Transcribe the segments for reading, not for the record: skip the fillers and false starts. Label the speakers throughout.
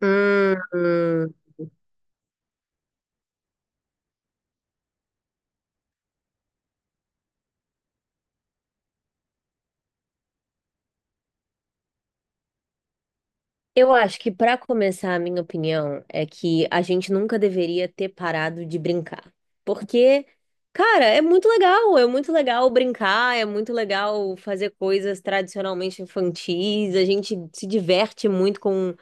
Speaker 1: Hum. Eu acho que para começar, a minha opinião é que a gente nunca deveria ter parado de brincar. Porque, cara, é muito legal brincar, é muito legal fazer coisas tradicionalmente infantis, a gente se diverte muito com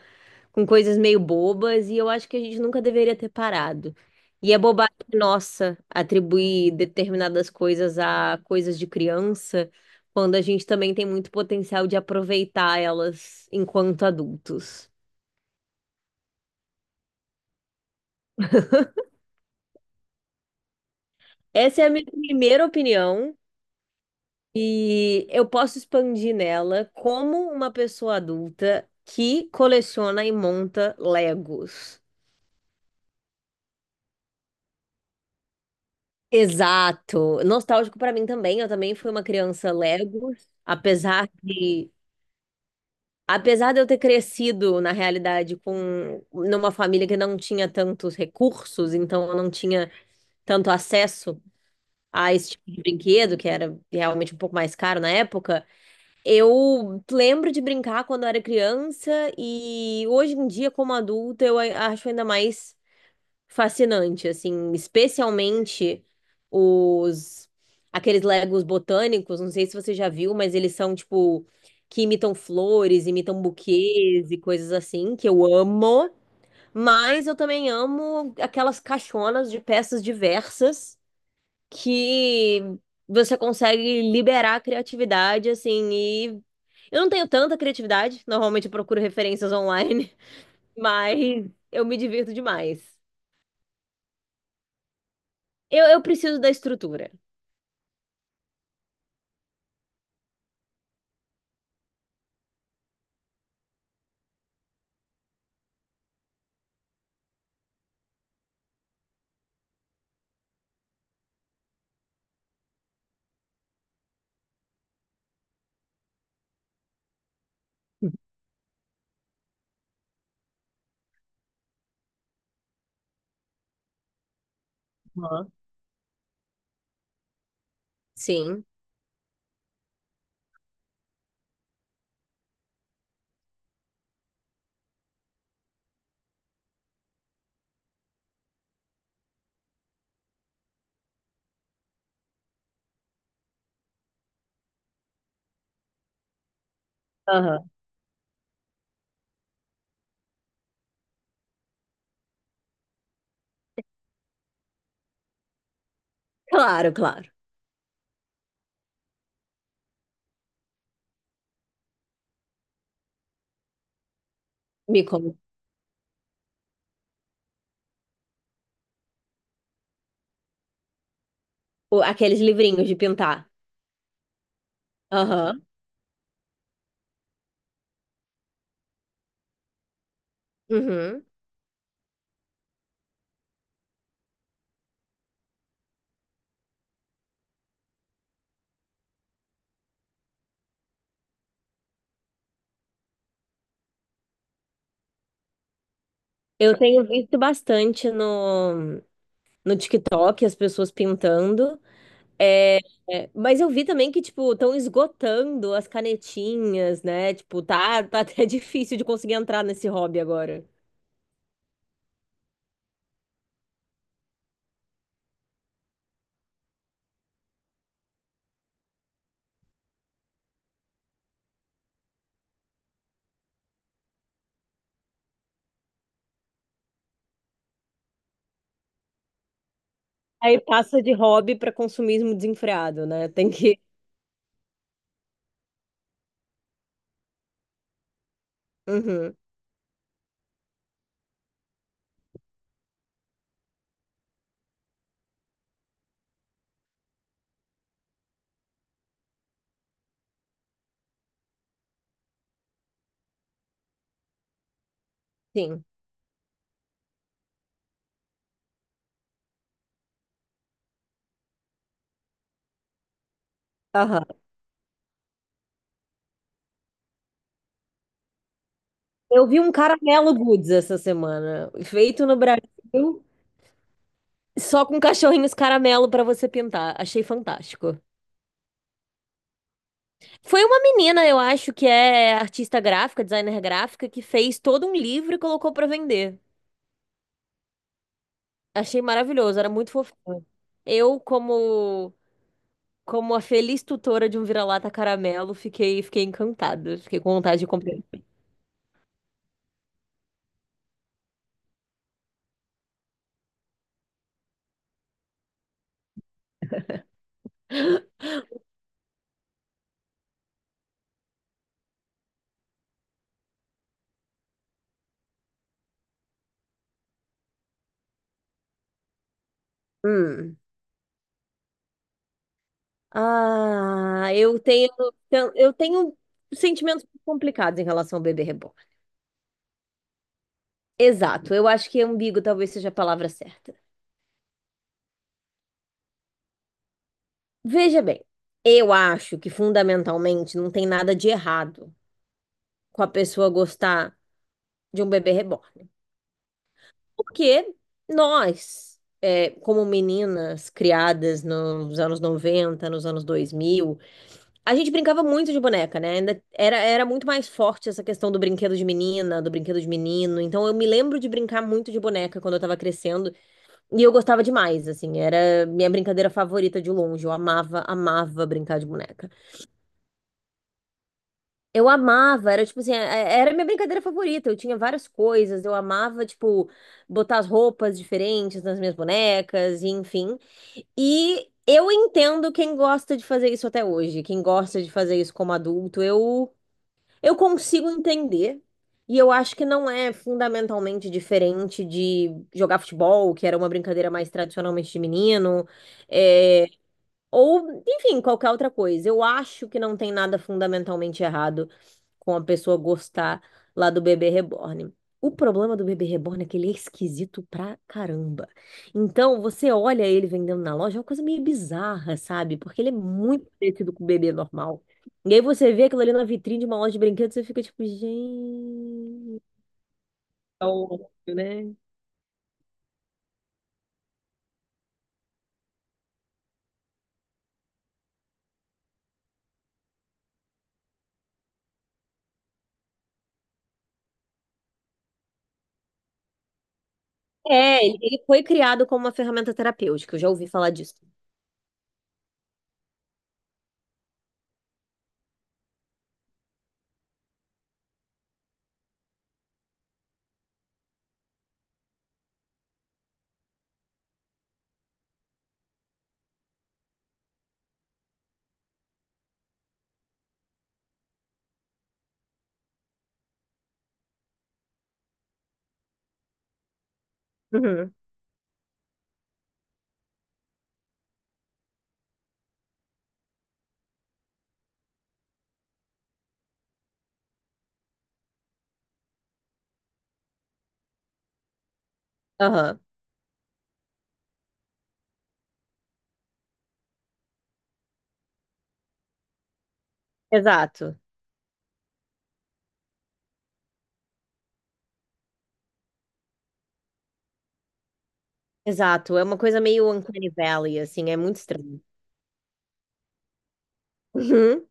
Speaker 1: com coisas meio bobas e eu acho que a gente nunca deveria ter parado. E é bobagem nossa atribuir determinadas coisas a coisas de criança, quando a gente também tem muito potencial de aproveitar elas enquanto adultos. Essa é a minha primeira opinião e eu posso expandir nela como uma pessoa adulta que coleciona e monta Legos. Exato. Nostálgico pra mim também. Eu também fui uma criança Lego, apesar de apesar de eu ter crescido na realidade com numa família que não tinha tantos recursos, então eu não tinha tanto acesso a esse tipo de brinquedo, que era realmente um pouco mais caro na época. Eu lembro de brincar quando eu era criança e hoje em dia como adulta eu acho ainda mais fascinante, assim, especialmente os aqueles Legos botânicos, não sei se você já viu, mas eles são tipo que imitam flores, imitam buquês e coisas assim, que eu amo, mas eu também amo aquelas caixonas de peças diversas que você consegue liberar a criatividade assim e eu não tenho tanta criatividade, normalmente eu procuro referências online, mas eu me divirto demais. Eu preciso da estrutura. Aham. Sim. Aham. Claro, claro. Me como. Aqueles livrinhos de pintar. Aham. Uhum. Eu tenho visto bastante no TikTok as pessoas pintando. É, é, mas eu vi também que, tipo, estão esgotando as canetinhas, né? Tipo, tá até difícil de conseguir entrar nesse hobby agora. Aí passa de hobby para consumismo desenfreado, né? Tem que. Uhum, sim. Aham. Eu vi um caramelo goods essa semana, feito no Brasil, só com cachorrinhos caramelo pra você pintar. Achei fantástico. Foi uma menina, eu acho, que é artista gráfica, designer gráfica, que fez todo um livro e colocou pra vender. Achei maravilhoso, era muito fofinho. Eu, como como a feliz tutora de um vira-lata caramelo, fiquei encantada, fiquei com vontade de comprar. Hum. Ah, eu tenho sentimentos complicados em relação ao bebê reborn. Exato, eu acho que ambíguo talvez seja a palavra certa. Veja bem, eu acho que fundamentalmente não tem nada de errado com a pessoa gostar de um bebê reborn. Porque nós, é, como meninas criadas nos anos 90, nos anos 2000, a gente brincava muito de boneca, né? Era muito mais forte essa questão do brinquedo de menina, do brinquedo de menino. Então eu me lembro de brincar muito de boneca quando eu tava crescendo. E eu gostava demais, assim, era minha brincadeira favorita de longe. Eu amava, amava brincar de boneca. Eu amava, era tipo assim, é, era minha brincadeira favorita. Eu tinha várias coisas, eu amava, tipo, botar as roupas diferentes nas minhas bonecas, e enfim. E eu entendo quem gosta de fazer isso até hoje, quem gosta de fazer isso como adulto. Eu consigo entender. E eu acho que não é fundamentalmente diferente de jogar futebol, que era uma brincadeira mais tradicionalmente de menino. é, Ou, enfim, qualquer outra coisa. Eu acho que não tem nada fundamentalmente errado com a pessoa gostar lá do bebê reborn. O problema do bebê reborn é que ele é esquisito pra caramba. Então, você olha ele vendendo na loja, é uma coisa meio bizarra, sabe? Porque ele é muito parecido com o bebê normal. E aí você vê aquilo ali na vitrine de uma loja de brinquedos, você fica tipo, gente. É, ele foi criado como uma ferramenta terapêutica, eu já ouvi falar disso. Uhum. Aham. Exato. Exato, é uma coisa meio Uncanny Valley, assim, é muito estranho. Uhum.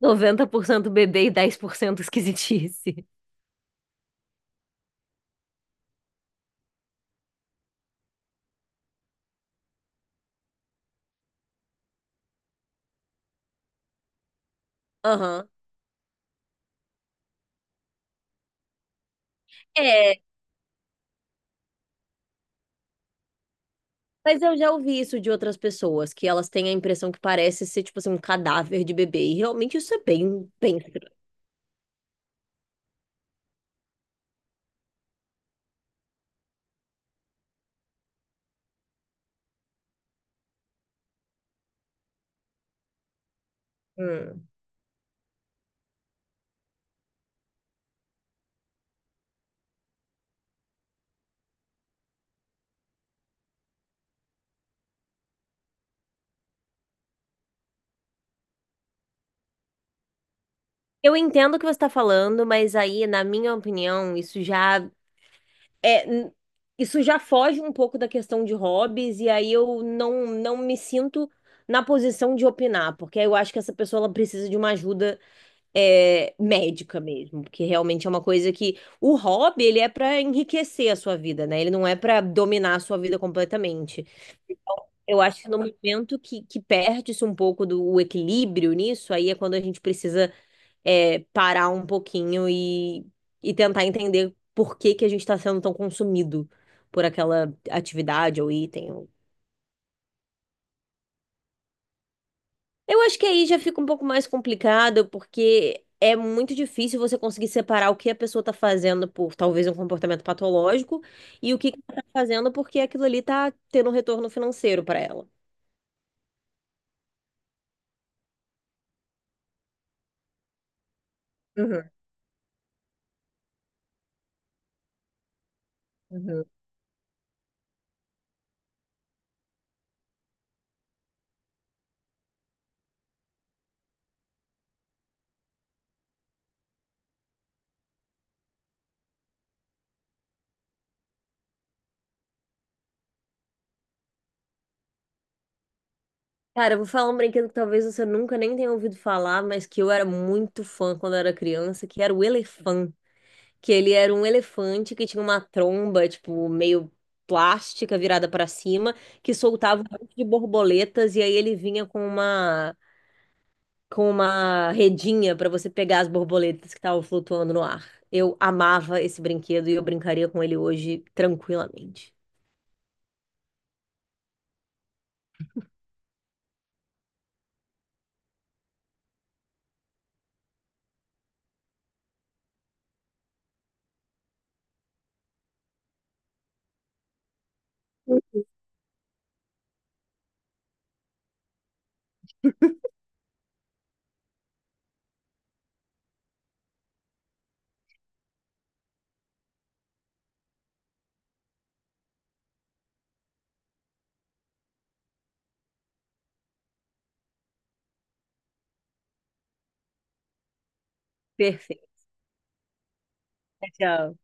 Speaker 1: 90% bebê e 10% esquisitice. Aham. É, mas eu já ouvi isso de outras pessoas, que elas têm a impressão que parece ser, tipo assim, um cadáver de bebê. E realmente isso é bem, bem estranho. Hum. Eu entendo o que você está falando, mas aí, na minha opinião, isso já é, n- isso já foge um pouco da questão de hobbies, e aí eu não, não me sinto na posição de opinar, porque eu acho que essa pessoa ela precisa de uma ajuda médica mesmo, porque realmente é uma coisa que o hobby ele é para enriquecer a sua vida, né? Ele não é para dominar a sua vida completamente. Eu acho que no momento que perde-se um pouco do o equilíbrio nisso, aí é quando a gente precisa parar um pouquinho e tentar entender por que que a gente está sendo tão consumido por aquela atividade ou item. Eu acho que aí já fica um pouco mais complicado, porque é muito difícil você conseguir separar o que a pessoa está fazendo por talvez um comportamento patológico e o que que ela está fazendo porque aquilo ali está tendo um retorno financeiro para ela. Uhum, uhum. Cara, eu vou falar um brinquedo que talvez você nunca nem tenha ouvido falar, mas que eu era muito fã quando eu era criança, que era o elefante. Que ele era um elefante que tinha uma tromba, tipo, meio plástica virada para cima, que soltava um monte de borboletas e aí ele vinha com uma redinha para você pegar as borboletas que estavam flutuando no ar. Eu amava esse brinquedo e eu brincaria com ele hoje tranquilamente. Perfeito. Tchau.